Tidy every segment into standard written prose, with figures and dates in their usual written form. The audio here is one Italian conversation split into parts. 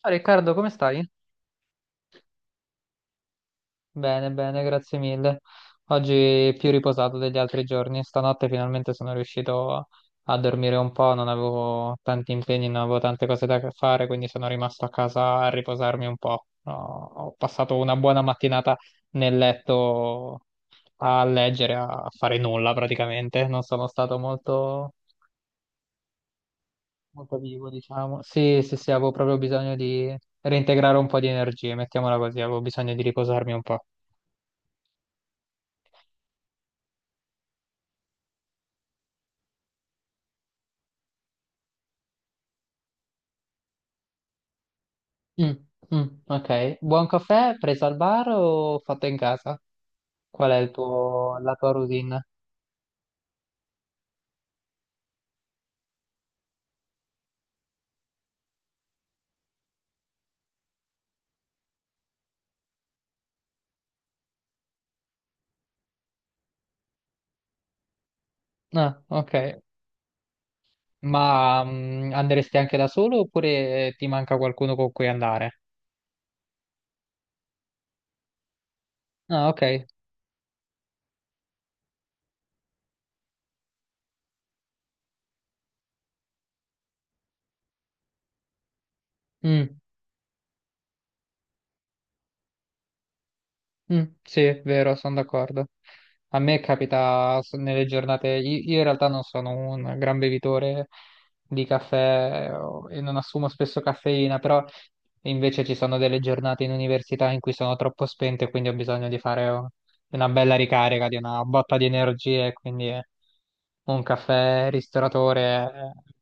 Ciao Riccardo, come stai? Bene, bene, grazie mille. Oggi più riposato degli altri giorni. Stanotte finalmente sono riuscito a dormire un po', non avevo tanti impegni, non avevo tante cose da fare, quindi sono rimasto a casa a riposarmi un po'. Ho passato una buona mattinata nel letto a leggere, a fare nulla praticamente. Non sono stato molto, molto vivo, diciamo. Sì, sì, sì, avevo proprio bisogno di reintegrare un po' di energie, mettiamola così, avevo bisogno di riposarmi un po'. Mm, mm, ok. Buon caffè preso al bar o fatto in casa? Qual è il tuo, la tua routine? Ah, ok. Ma andresti anche da solo oppure ti manca qualcuno con cui andare? Ah, ok. Mm. Mm, sì, è vero, sono d'accordo. A me capita nelle giornate, io in realtà non sono un gran bevitore di caffè e non assumo spesso caffeina, però invece ci sono delle giornate in università in cui sono troppo spento e quindi ho bisogno di fare oh, una bella ricarica, di una botta di energie, e quindi un caffè ristoratore.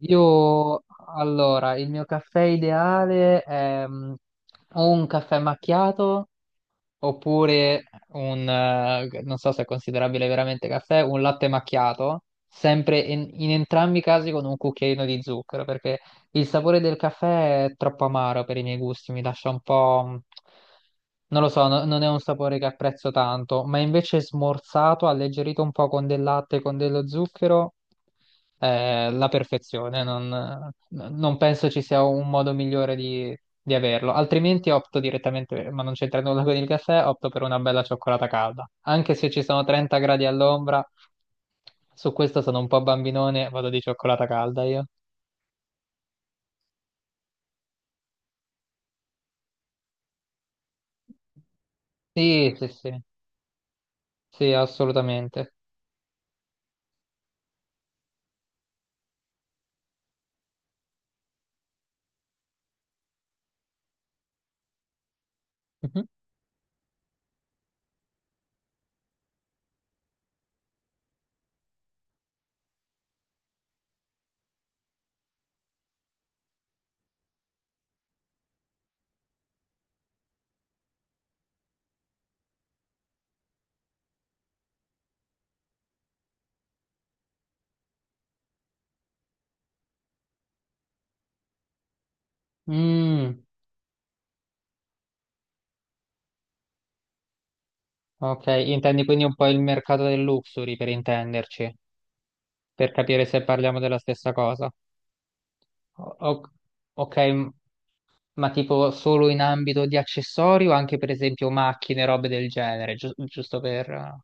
Io, allora, il mio caffè ideale è o un caffè macchiato oppure un, non so se è considerabile veramente caffè, un latte macchiato, sempre in entrambi i casi con un cucchiaino di zucchero, perché il sapore del caffè è troppo amaro per i miei gusti, mi lascia un po', non lo so, non è un sapore che apprezzo tanto, ma invece smorzato, alleggerito un po' con del latte, con dello zucchero, è la perfezione. Non penso ci sia un modo migliore di averlo. Altrimenti opto direttamente, ma non c'entra nulla con il caffè, opto per una bella cioccolata calda. Anche se ci sono 30 gradi all'ombra, su questo sono un po' bambinone, vado di cioccolata calda io. Sì, sì, sì. Sì, assolutamente. Mhm. Mm, ok, intendi quindi un po' il mercato del luxury per intenderci, per capire se parliamo della stessa cosa. O- o- ok, ma tipo solo in ambito di accessori o anche per esempio macchine, robe del genere, giusto per.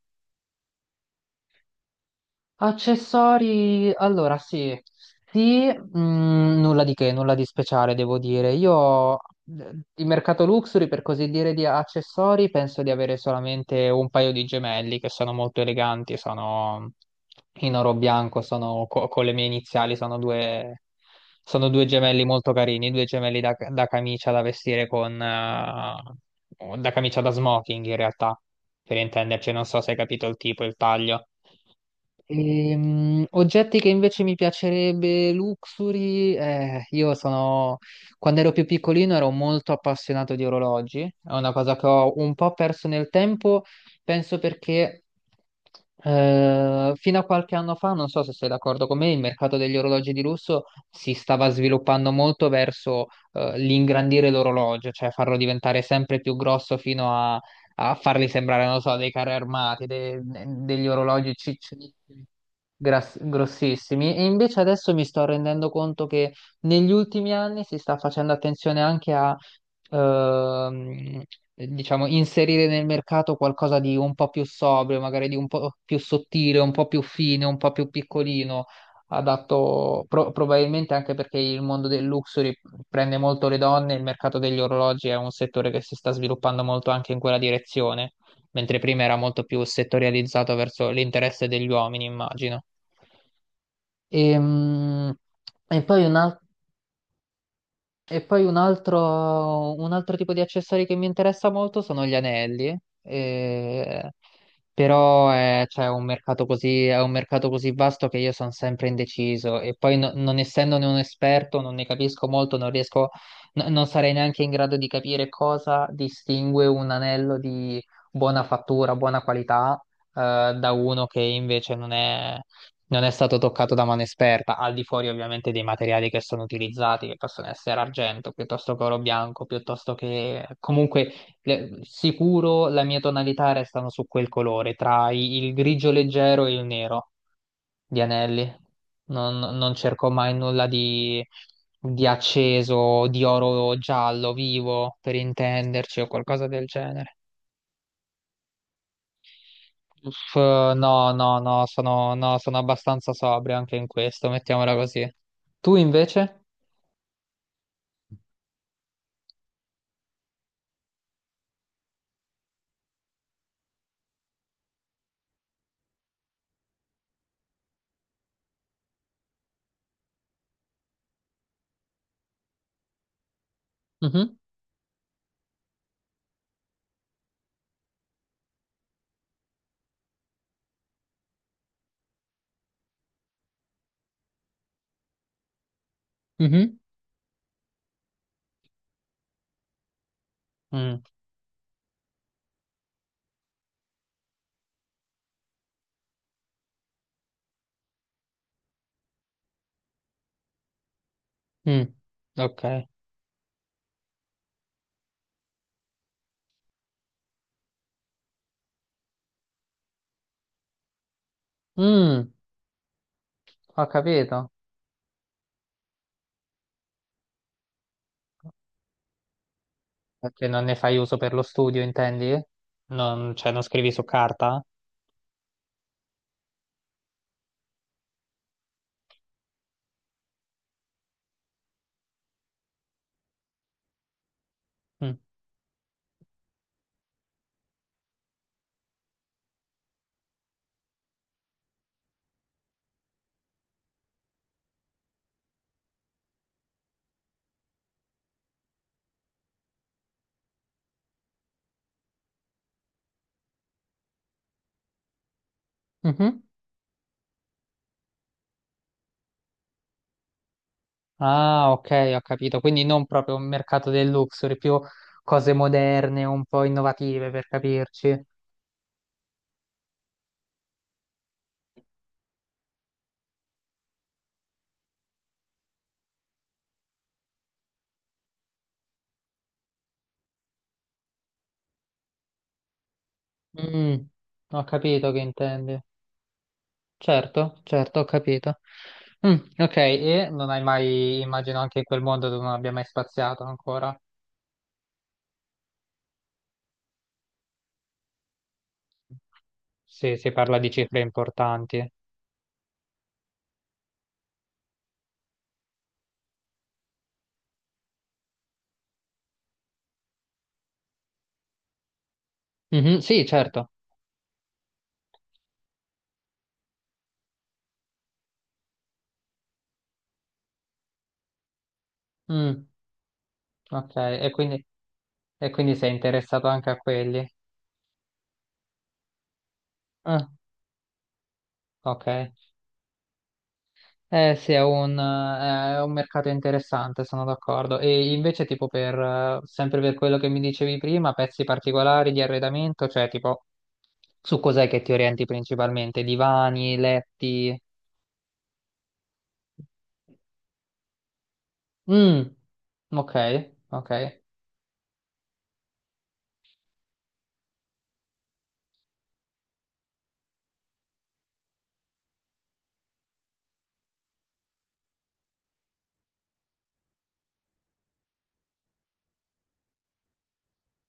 Accessori, allora sì, sì, nulla di che, nulla di speciale devo dire. Io di mercato luxury, per così dire, di accessori, penso di avere solamente un paio di gemelli che sono molto eleganti, sono in oro bianco, sono con le mie iniziali, sono due gemelli molto carini, due gemelli da camicia da vestire da camicia da smoking in realtà, per intenderci, non so se hai capito il tipo, il taglio. Oggetti che invece mi piacerebbe, luxury, io sono, quando ero più piccolino ero molto appassionato di orologi, è una cosa che ho un po' perso nel tempo, penso perché fino a qualche anno fa, non so se sei d'accordo con me, il mercato degli orologi di lusso si stava sviluppando molto verso l'ingrandire l'orologio, cioè farlo diventare sempre più grosso fino a farli sembrare, non lo so, dei carri armati, degli orologi ciccionissimi, grossissimi. E invece adesso mi sto rendendo conto che negli ultimi anni si sta facendo attenzione anche a, ehm, diciamo, inserire nel mercato qualcosa di un po' più sobrio, magari di un po' più sottile, un po' più fine, un po' più piccolino adatto probabilmente anche perché il mondo del luxury prende molto le donne, il mercato degli orologi è un settore che si sta sviluppando molto anche in quella direzione, mentre prima era molto più settorializzato verso l'interesse degli uomini, immagino. Ehm, E, poi un altro e poi un altro tipo di accessori che mi interessa molto sono gli anelli, eh, però è, cioè, un mercato così, è un mercato così vasto che io sono sempre indeciso e poi non essendone un esperto non ne capisco molto, non riesco, non sarei neanche in grado di capire cosa distingue un anello di buona fattura, buona qualità, da uno che invece non è stato toccato da mano esperta, al di fuori ovviamente dei materiali che sono utilizzati, che possono essere argento, piuttosto che oro bianco, piuttosto che. Comunque, sicuro la mia tonalità restano su quel colore, tra il grigio leggero e il nero di anelli. Non cerco mai nulla di acceso, di oro giallo vivo, per intenderci, o qualcosa del genere. Uff, no, no, no, sono, no, sono abbastanza sobrio anche in questo, mettiamola così. Tu invece? Mhm, mhm, mm, mm, ok. Mm, ho capito. Perché non ne fai uso per lo studio, intendi? Non, cioè, non scrivi su carta? Mm, mhm. Ah, ok, ho capito. Quindi non proprio un mercato del luxury, più cose moderne, un po' innovative, per capirci. Mm, ho capito che intendi. Certo, certo, ho capito. Mm, ok, e non hai mai, immagino anche in quel mondo dove non abbia mai spaziato ancora, se si parla di cifre importanti. Mhm, sì, certo. Mm, ok, e quindi, sei interessato anche a quelli. Ah, ok. Eh sì, è un mercato interessante, sono d'accordo. E invece tipo sempre per quello che mi dicevi prima, pezzi particolari di arredamento, cioè tipo su cos'è che ti orienti principalmente? Divani, letti? Mm, ok, ok,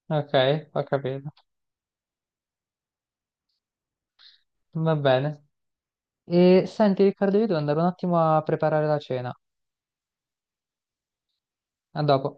ok, ho capito. Va bene. E senti Riccardo, io devo andare un attimo a preparare la cena. A dopo.